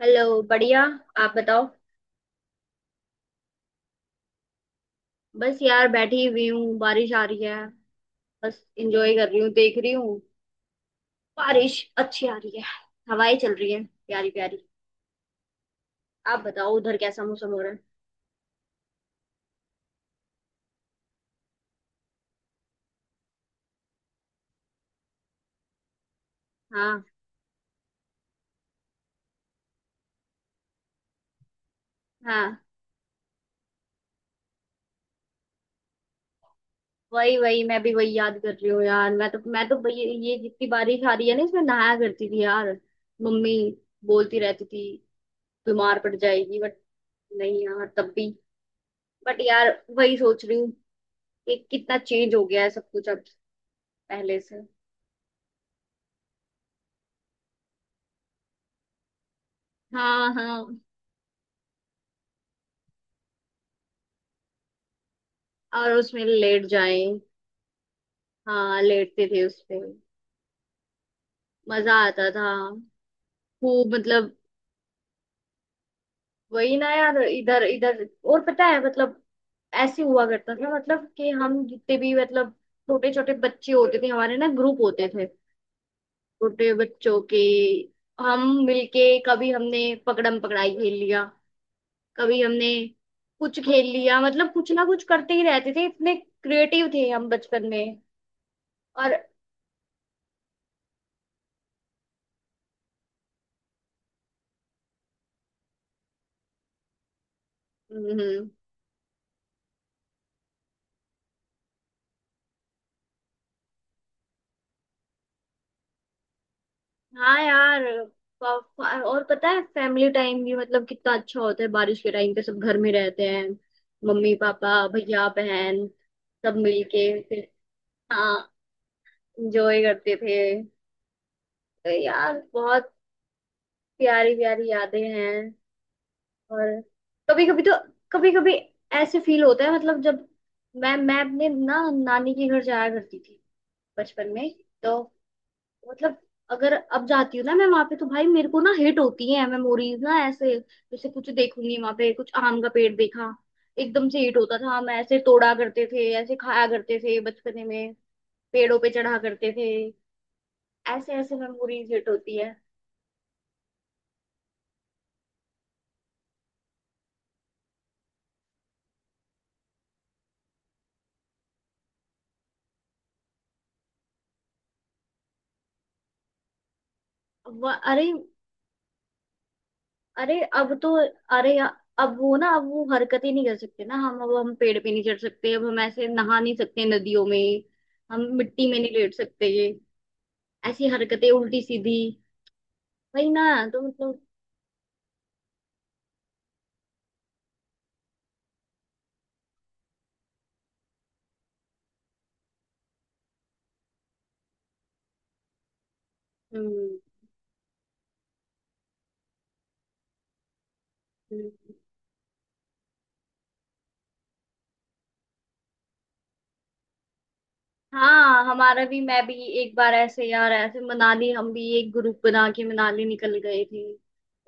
Hello, बढ़िया। आप बताओ। बस यार बैठी हुई हूँ, बारिश आ रही है। बस एंजॉय कर रही हूँ, देख रही हूँ। बारिश अच्छी आ रही है। हवाएं चल रही हैं, प्यारी प्यारी। आप बताओ उधर कैसा मौसम हो रहा है। हाँ, हाँ, वही वही। मैं भी वही याद कर रही हूँ यार। मैं तो ये जितनी बारिश आ रही है ना, इसमें नहाया करती थी यार। मम्मी बोलती रहती थी बीमार पड़ जाएगी, बट नहीं यार। तब भी बट यार वही सोच रही हूँ कि कितना चेंज हो गया है सब कुछ अब पहले से। हाँ, हाँ। और उसमें लेट जाए। हाँ, लेटते थे उस पे। मजा आता था खूब, मतलब। वही ना यार, इधर इधर। और पता है मतलब ऐसे हुआ करता था, मतलब कि हम जितने भी मतलब छोटे छोटे बच्चे होते थे, हमारे ना ग्रुप होते थे छोटे बच्चों के। हम मिलके कभी हमने पकड़म पकड़ाई खेल लिया, कभी हमने कुछ खेल लिया, मतलब कुछ ना कुछ करते ही रहते थे। इतने क्रिएटिव थे हम बचपन में। और हम्म हम्म। हाँ यार। और पता है फैमिली टाइम भी मतलब कितना अच्छा होता है बारिश के टाइम पे। सब घर में रहते हैं, मम्मी पापा भैया बहन, सब मिलके फिर, हाँ, एंजॉय करते थे। तो यार बहुत प्यारी प्यारी यादें हैं। और कभी कभी तो, कभी कभी ऐसे फील होता है, मतलब जब मैं अपने ना नानी के घर जाया करती थी बचपन में, तो मतलब अगर अब जाती हूँ ना मैं वहां पे, तो भाई मेरे को ना हिट होती है मेमोरीज ना, ऐसे जैसे कुछ देखूंगी वहां पे, कुछ आम का पेड़ देखा, एकदम से हिट होता था। हम ऐसे तोड़ा करते थे, ऐसे खाया करते थे बचपने में। पेड़ों पे चढ़ा करते थे। ऐसे ऐसे मेमोरीज हिट होती है। अरे, अरे अब तो, अरे या- अब वो ना, अब वो हरकत ही नहीं कर सकते ना हम। अब हम पेड़ पे नहीं चढ़ सकते, अब हम ऐसे नहा नहीं सकते नदियों में, हम मिट्टी में नहीं लेट सकते ये, ऐसी हरकतें उल्टी सीधी। वही ना। तो मतलब हम्म हम्म। हाँ, हमारा भी, मैं भी एक बार ऐसे यार, ऐसे मनाली हम भी एक ग्रुप बना के मनाली निकल गए थे।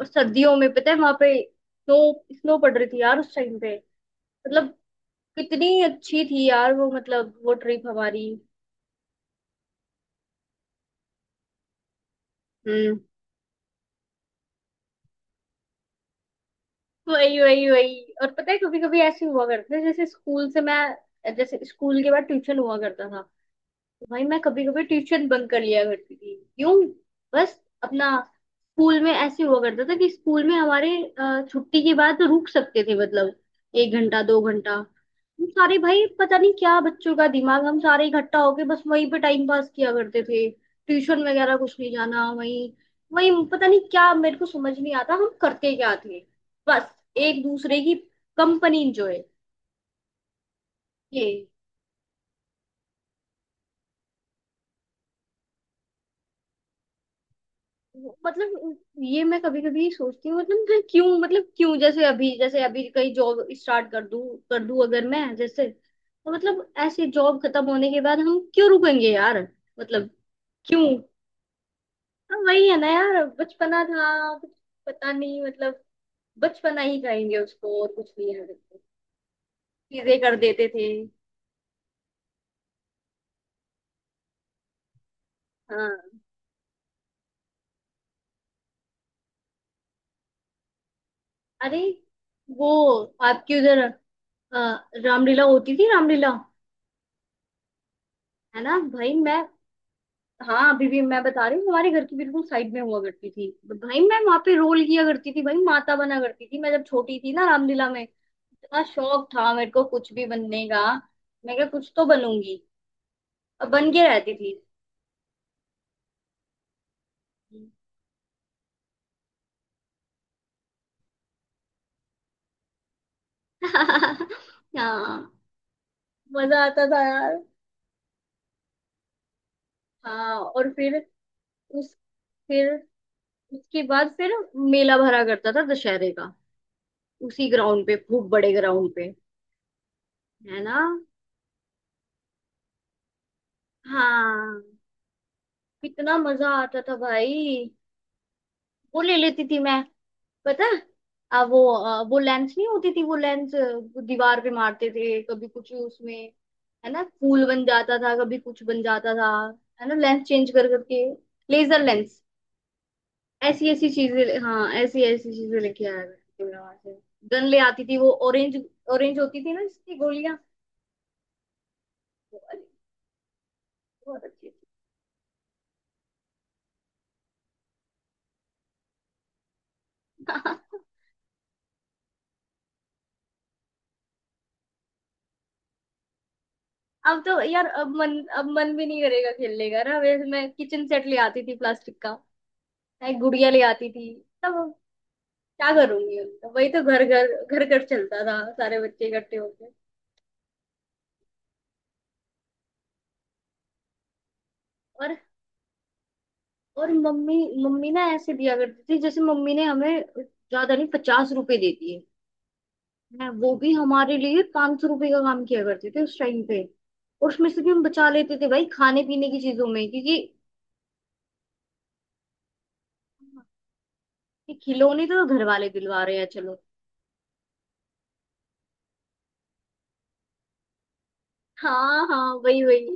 और सर्दियों में पता है वहां पे स्नो, स्नो पड़ रही थी यार उस टाइम पे। मतलब कितनी अच्छी थी यार वो, मतलब वो ट्रिप हमारी। हम्म, वही वही वही। और पता है कभी कभी ऐसे हुआ करते थे, जैसे स्कूल से, मैं जैसे स्कूल के बाद ट्यूशन हुआ करता था। भाई मैं कभी कभी ट्यूशन बंक कर लिया करती थी। क्यों? बस, अपना स्कूल में ऐसे हुआ करता था कि स्कूल में हमारे, छुट्टी के बाद तो रुक सकते थे, मतलब 1 घंटा 2 घंटा। हम सारे भाई, पता नहीं क्या बच्चों का दिमाग, हम सारे इकट्ठा होके बस वहीं पे टाइम पास किया करते थे, ट्यूशन वगैरह कुछ नहीं जाना। वहीं, वहीं पता नहीं क्या, मेरे को समझ नहीं आता हम करते क्या थे, बस एक दूसरे की कंपनी इंजॉय। ये मतलब ये मैं कभी कभी सोचती हूँ, मतलब मैं क्यों, मतलब क्यों जैसे अभी, जैसे अभी कहीं जॉब स्टार्ट कर दूँ, कर दूँ अगर मैं, जैसे तो मतलब ऐसे जॉब खत्म होने के बाद हम क्यों रुकेंगे यार। मतलब क्यों? हाँ, वही है ना यार, बचपना था कुछ, पता नहीं मतलब, बचपना ही कहेंगे उसको और कुछ नहीं है। चीजें कर देते थे। हाँ। अरे वो आपकी उधर रामलीला होती थी, रामलीला। है ना भाई मैं। हाँ, अभी भी मैं बता रही हूँ, हमारे घर की बिल्कुल साइड में हुआ करती थी। भाई मैं वहां पे रोल किया करती थी भाई, माता बना करती थी मैं जब छोटी थी ना, रामलीला में। इतना शौक था मेरे को कुछ भी बनने का, मैं क्या कुछ तो बनूंगी, और बन के रहती थी। हाँ, मजा आता था यार। हाँ, और फिर उस, फिर उसके बाद फिर मेला भरा करता था दशहरे का, उसी ग्राउंड पे, खूब बड़े ग्राउंड पे। है ना। हाँ, कितना मजा आता था भाई। वो ले लेती थी मैं, पता है? अब वो वो लेंस नहीं होती थी, वो लेंस, दीवार पे मारते थे कभी, कुछ उसमें, है ना, फूल बन जाता था, कभी कुछ बन जाता था, है ना, लेंस चेंज कर करके, लेजर लेंस। ऐसी ऐसी चीजें, हाँ, ऐसी ऐसी चीजें लेके आया करती थी मैं वहां से। गन ले आती थी, वो ऑरेंज, ऑरेंज होती थी ना जिसकी गोलियां, वो वाली, बहुत अच्छी थी। अब तो यार, अब मन, अब मन भी नहीं करेगा खेलने का ना। वैसे मैं किचन सेट ले आती थी प्लास्टिक का, मैं गुड़िया ले आती थी, सब, क्या करूंगी उनका? वही तो घर घर, घर घर चलता था, सारे बच्चे इकट्ठे होके। और और मम्मी, मम्मी ना ऐसे दिया करती थी, जैसे मम्मी ने हमें ज्यादा नहीं 50 रुपए दे दिए हैं, वो भी हमारे लिए 500 रुपए का काम किया करते थे उस टाइम पे। और उसमें से भी हम बचा लेते थे भाई, खाने पीने की चीजों में, क्योंकि ये खिलौने तो घर वाले दिलवा रहे हैं, चलो। हाँ, हाँ, वही वही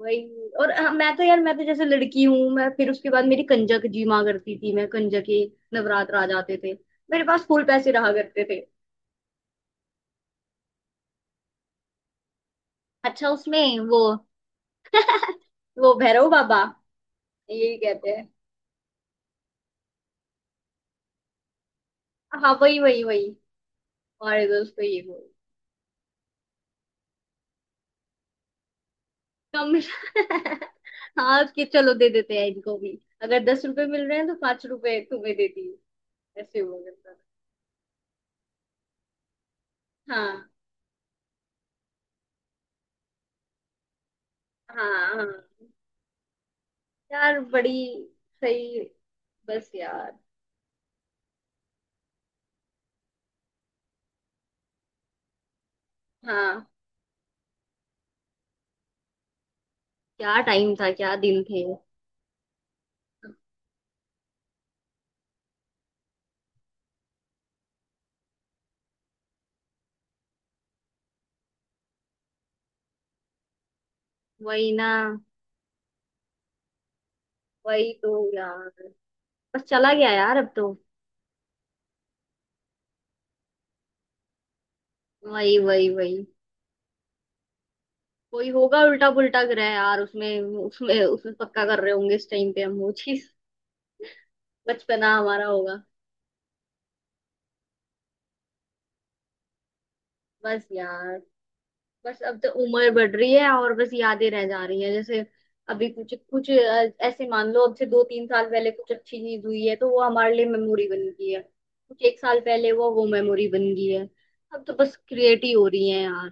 वही। और मैं तो यार, मैं तो जैसे लड़की हूँ, मैं फिर उसके बाद मेरी कंजक जी माँ करती थी, मैं कंजक के, नवरात्र आ जाते थे, मेरे पास फुल पैसे रहा करते थे। अच्छा, उसमें वो भैरव बाबा, यही कहते हैं। हाँ, वही वही वही, हमारे दोस्त को ये बोल। कम। हाँ, उसके, चलो दे देते हैं इनको भी। अगर 10 रुपए मिल रहे हैं तो 5 रुपए तुम्हें देती हूँ। ऐसे हुआ करता था। हाँ, हाँ। हाँ यार, बड़ी सही। बस यार। हाँ, क्या टाइम था, क्या दिन थे। वही ना, वही तो यार, बस चला गया यार अब तो। वही वही वही, कोई होगा उल्टा पुल्टा ग्रह यार, उसमें, उसमें, उसमें पक्का कर रहे होंगे इस टाइम पे हम वो चीज। बचपना हमारा होगा। बस यार। बस अब तो उम्र बढ़ रही है और बस यादें रह जा रही है। जैसे अभी कुछ कुछ ऐसे मान लो अब से 2-3 साल पहले कुछ अच्छी चीज हुई है तो वो हमारे लिए मेमोरी बन गई है, कुछ 1 साल पहले वो मेमोरी बन गई है। अब तो बस क्रिएट ही हो रही है यार।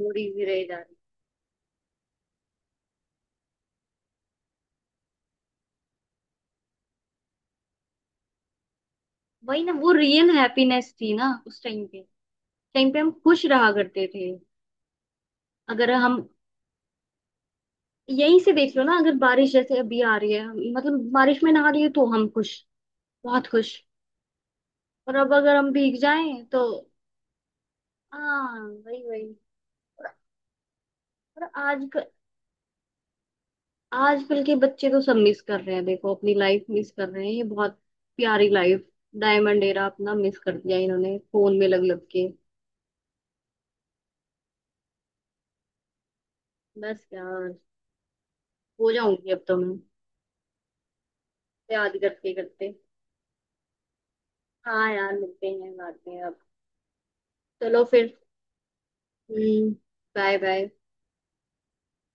मूड इजी रहेगा। वही ना, वो रियल हैप्पीनेस थी ना उस टाइम पे। टाइम पे हम खुश रहा करते थे। अगर हम, यहीं से देख लो ना, अगर बारिश जैसे अभी आ रही है मतलब बारिश में नहा रही है तो हम खुश, बहुत खुश। और अब अगर हम भीग जाएं तो। हाँ, वही वही। और, और आज, आजकल के बच्चे तो सब मिस कर रहे हैं देखो, अपनी लाइफ मिस कर रहे हैं, ये बहुत प्यारी लाइफ, डायमंड एरा अपना मिस कर दिया इन्होंने फोन में लग लग के। बस यार, हो जाऊंगी अब तो मैं याद करते करते। हाँ यार, मिलते हैं बाद में अब। चलो फिर। हम्म, बाय बाय।